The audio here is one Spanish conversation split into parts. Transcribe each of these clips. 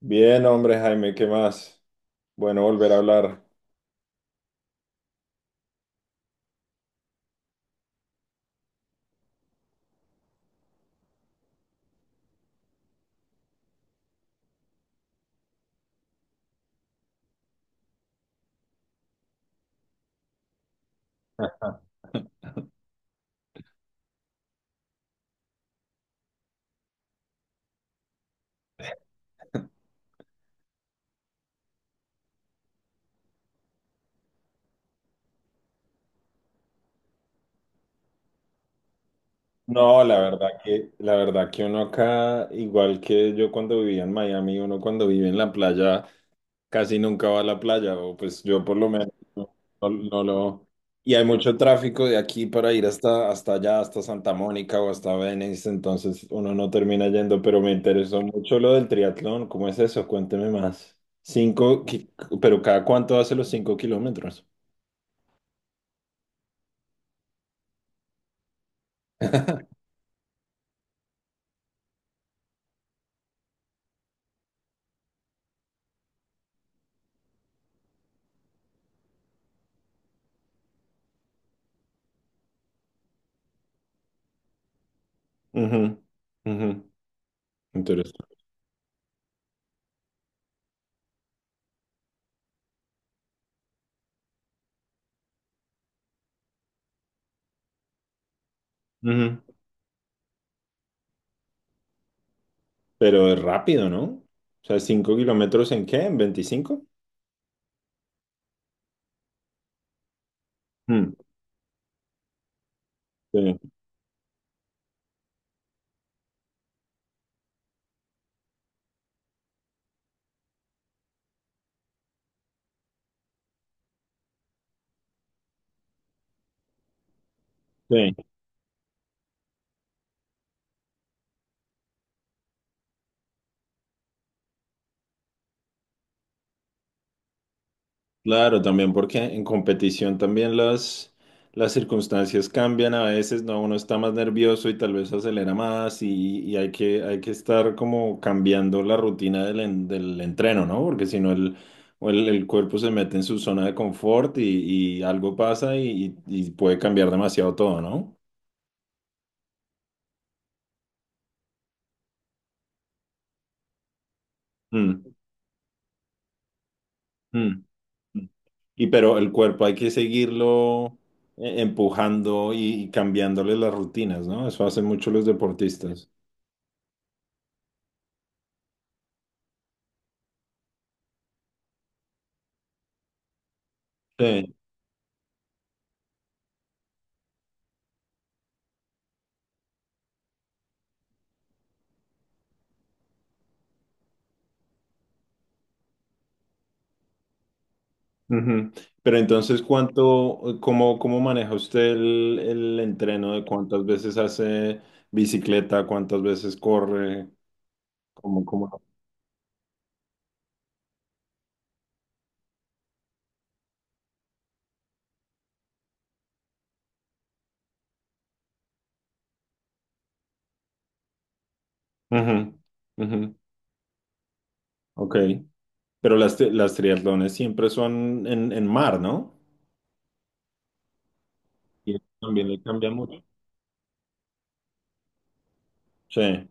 Bien, hombre, Jaime, ¿qué más? Bueno, volver a hablar. No, la verdad que uno acá, igual que yo cuando vivía en Miami, uno cuando vive en la playa casi nunca va a la playa, o pues yo por lo menos no, no. Y hay mucho tráfico de aquí para ir hasta allá, hasta Santa Mónica o hasta Venice, entonces uno no termina yendo, pero me interesó mucho lo del triatlón. ¿Cómo es eso? Cuénteme más. Cinco, qui- pero ¿cada cuánto hace los 5 kilómetros? Ujú, ujú. Interesante. Ujú. Pero es rápido, ¿no? O sea, ¿5 kilómetros en qué? ¿En 25? Mm, sí, sí. Claro, también porque en competición también las circunstancias cambian a veces, ¿no? Uno está más nervioso y tal vez acelera más, y hay que estar como cambiando la rutina del entreno, ¿no? Porque si no el, o el cuerpo se mete en su zona de confort y algo pasa y puede cambiar demasiado todo, ¿no? Mm. Y pero el cuerpo hay que seguirlo empujando y cambiándole las rutinas, ¿no? Eso hacen mucho los deportistas. Sí. Ujú. Pero entonces, ¿cómo maneja usted el entreno de cuántas veces hace bicicleta, cuántas veces corre? ¿Cómo? Ujú, ujú. Ok. Pero las triatlones siempre son en, mar, ¿no? Y eso también le cambia mucho. Sí.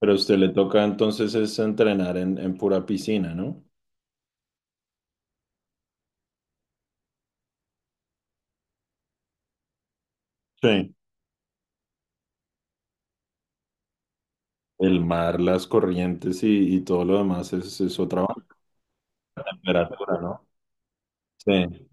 Pero a usted le toca entonces es entrenar en pura piscina, ¿no? Sí. El mar, las corrientes y todo lo demás es otra vaina, temperatura, ¿no? Sí.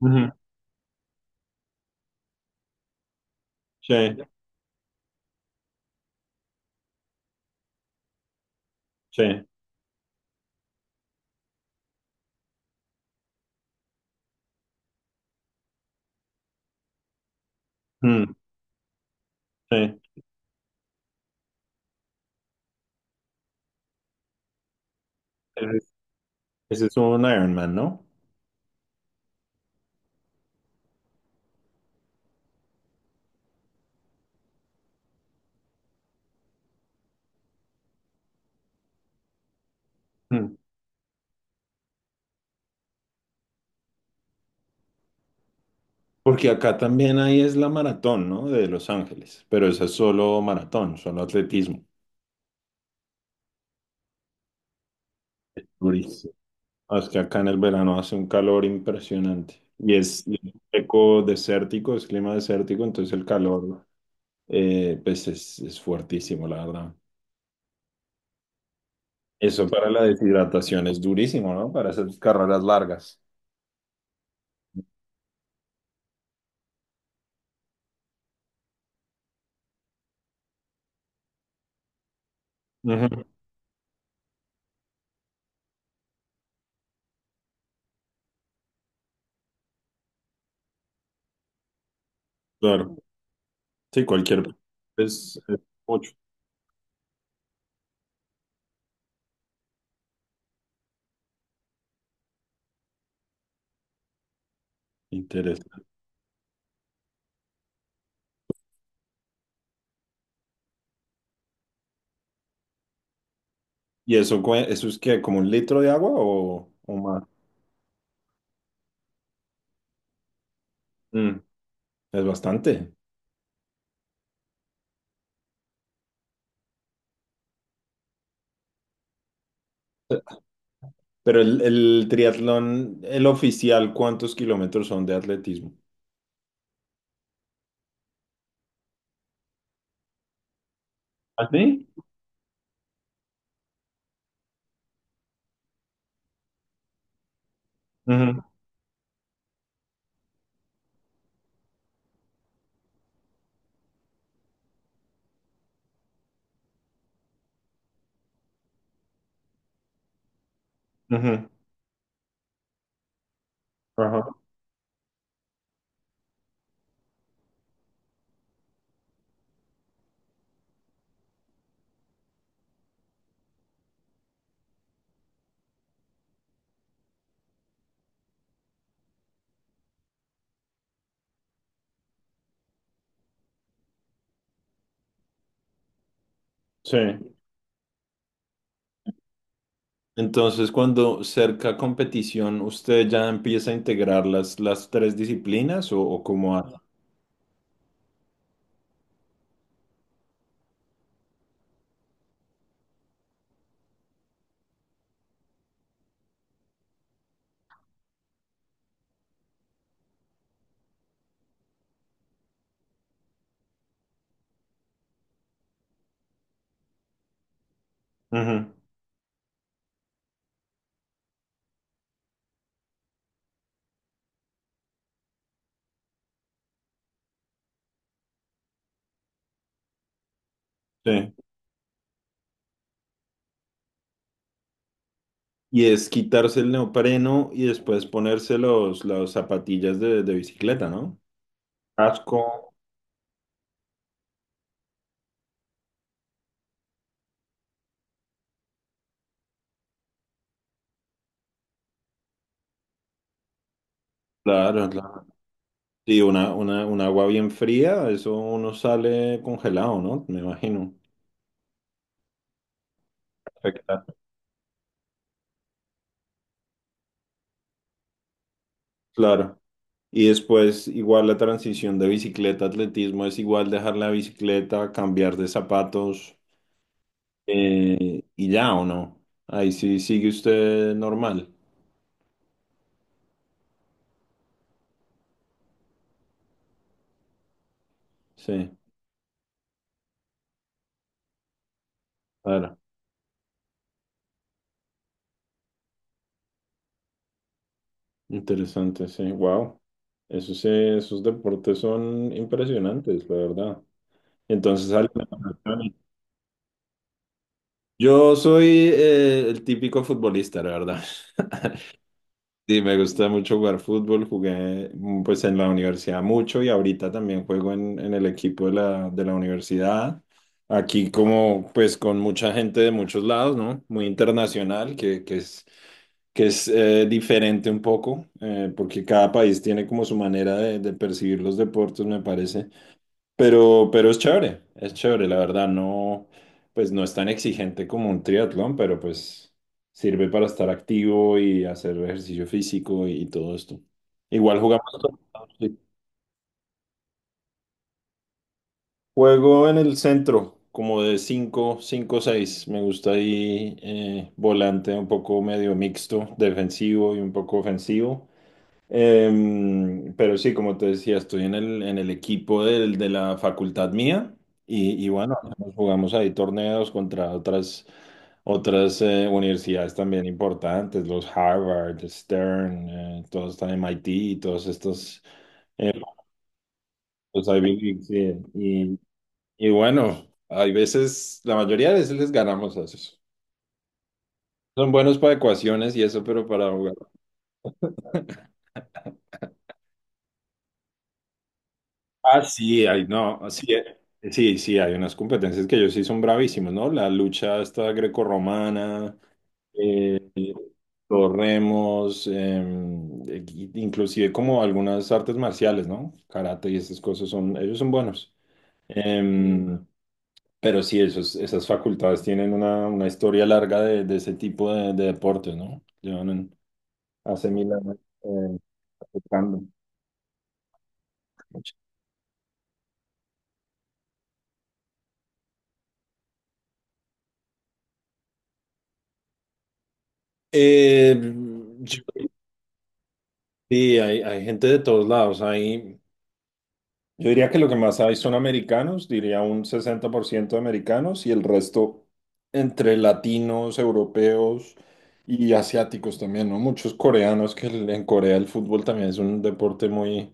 Ujú. Sí, sí, mm, sí. Ese es ese es un Ironman, ¿no? Mm. Porque acá también ahí es la maratón, ¿no? De Los Ángeles, pero esa es solo maratón, solo atletismo. Durísimo. Ah, es que acá en el verano hace un calor impresionante. Y es seco, desértico, es clima desértico, entonces el calor pues es fuertísimo, la verdad. Eso para la deshidratación es durísimo, ¿no? Para esas carreras largas. Ujú, claro, sí, cualquier. Es mucho. Interesante. ¿Y eso, eso es que como un litro de agua o más? Mm, es bastante. Pero el triatlón, el oficial, ¿cuántos kilómetros son de atletismo? ¿Así? ¿Sí? Ujú, ujú, ajá. Sí. Entonces, cuando cerca competición, ¿usted ya empieza a integrar las tres disciplinas o cómo hace? Ujú, sí. Y es quitarse el neopreno y después ponerse las zapatillas de bicicleta, ¿no? Casco, claro, claro. Sí, un agua bien fría, eso uno sale congelado, ¿no? Me imagino. Afecta. Claro. Y después, igual la transición de bicicleta, atletismo, es igual dejar la bicicleta, cambiar de zapatos. Y ya o no. Ahí sí sigue usted normal. Sí, claro. Interesante, sí. Wow. Esos deportes son impresionantes, la verdad. Entonces, yo soy el típico futbolista, la verdad. Sí, me gusta mucho jugar fútbol, jugué, pues en la universidad mucho y ahorita también juego en, el equipo de la universidad. Aquí como pues con mucha gente de muchos lados, ¿no? Muy internacional, que es diferente un poco, porque cada país tiene como su manera de percibir los deportes, me parece. Pero es chévere, la verdad. No, pues no es tan exigente como un triatlón, pero pues sirve para estar activo y hacer ejercicio físico y todo esto. Igual jugamos. Sí. Juego en el centro, como de cinco seis. Me gusta ahí volante un poco medio mixto, defensivo y un poco ofensivo. Pero sí, como te decía, estoy en el, equipo de la facultad mía y bueno, nos jugamos ahí torneos contra otras universidades también importantes, los Harvard, Stern, todos están MIT y todos estos, eh, los Ivy Leagues, sí. Y bueno, hay veces, la mayoría de veces les ganamos a esos. Son buenos para ecuaciones y eso, pero para jugar. Ah, sí, no, sí, sí, sí, hay unas competencias que ellos sí son bravísimos, ¿no? La lucha esta grecorromana, los remos, inclusive como algunas artes marciales, ¿no? Karate y esas cosas ellos son buenos. Em, pero sí, esas facultades tienen una historia larga de ese tipo de deportes, ¿no? Llevan hace mil años eh, practicando. Eh, yo- sí, hay gente de todos lados, hay... Yo diría que lo que más hay son americanos, diría un 60% de americanos y el resto entre latinos, europeos y asiáticos también, ¿no? Muchos coreanos, que en Corea el fútbol también es un deporte muy,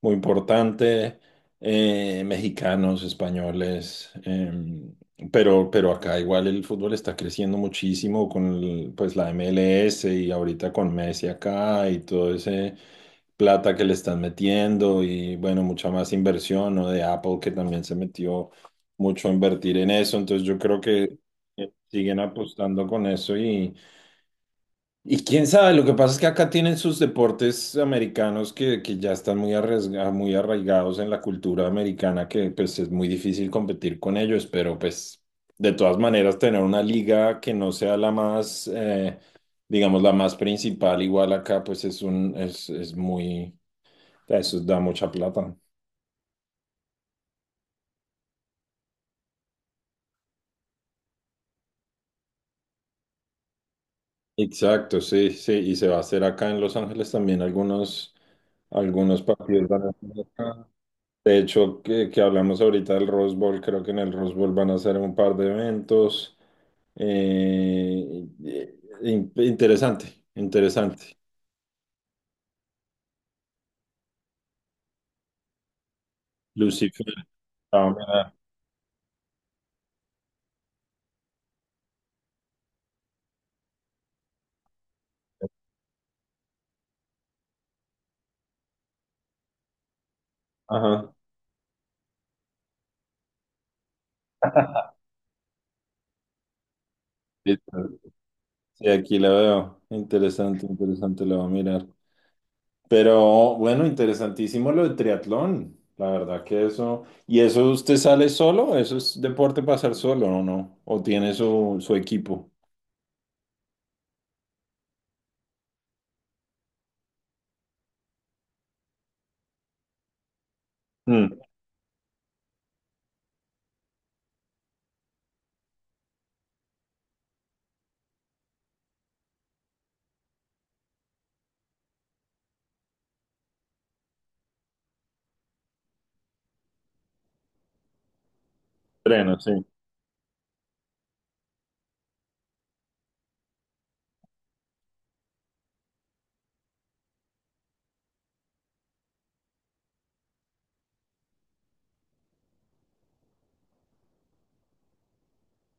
muy importante, mexicanos, españoles, pero acá igual el fútbol está creciendo muchísimo con pues la MLS y ahorita con Messi acá y todo ese plata que le están metiendo y bueno, mucha más inversión, ¿no? De Apple que también se metió mucho a invertir en eso, entonces yo creo que siguen apostando con eso y quién sabe. Lo que pasa es que acá tienen sus deportes americanos que ya están muy arraigados en la cultura americana, que pues es muy difícil competir con ellos, pero pues de todas maneras tener una liga que no sea la más... digamos, la más principal, igual acá, pues es es muy, eso da mucha plata. Exacto, sí, sí. Y se va a hacer acá en Los Ángeles también algunos, partidos van a hacer acá. De hecho, que hablamos ahorita del Rose Bowl, creo que en el Rose Bowl van a hacer un par de eventos. Interesante, interesante. Lucifer, ah, mira, ajá. Sí, aquí la veo. Interesante, interesante, la voy a mirar. Pero bueno, interesantísimo lo del triatlón. La verdad que eso. ¿Y eso usted sale solo? ¿Eso es deporte para hacer solo o no? ¿O tiene su equipo? Mm, Entreno, sí.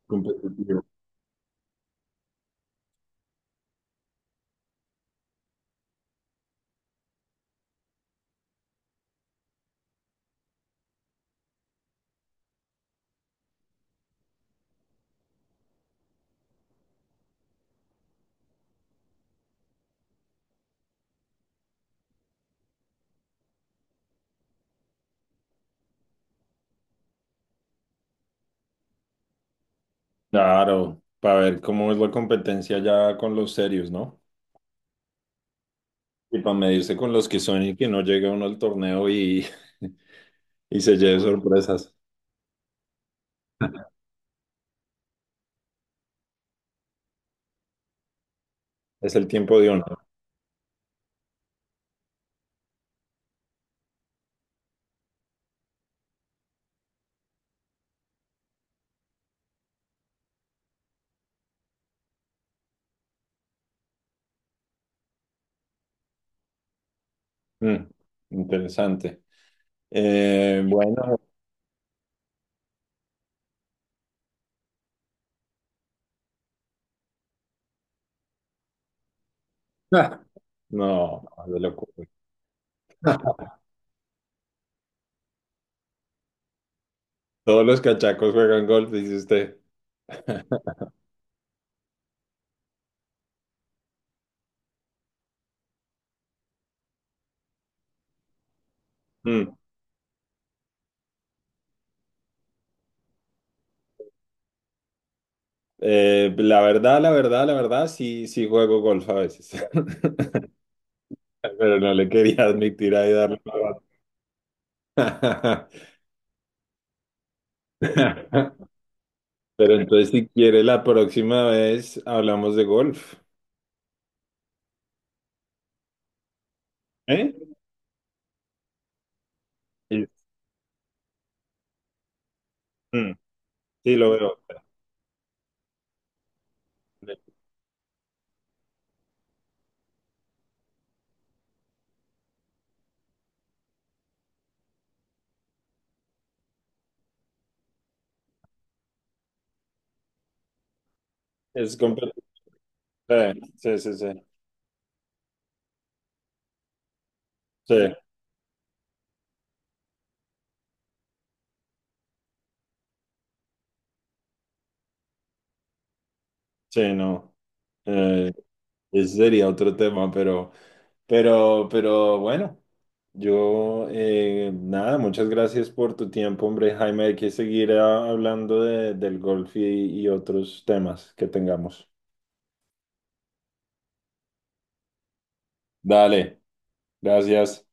Competitivo. Claro, para ver cómo es la competencia ya con los serios, ¿no? Y para medirse con los que son y que no llegue uno al torneo y, y se lleve sorpresas. Es el tiempo de uno. Mm, Interesante. Bueno, no, no, de locura. Todos los cachacos juegan golf, dice usted. Mm. La verdad, sí, sí juego golf a veces. Pero no le quería admitir ahí darle la bata. Pero entonces, si quiere, la próxima vez hablamos de golf. ¿Eh? Sí, mm, sí, lo veo. Es competitivo. Sí, sí, sí. Sí, sí, no. Eh, Ese sería otro tema, pero. Pero bueno, yo nada, muchas gracias por tu tiempo, hombre, Jaime. Hay que seguir hablando del golf y otros temas que tengamos. Dale, gracias.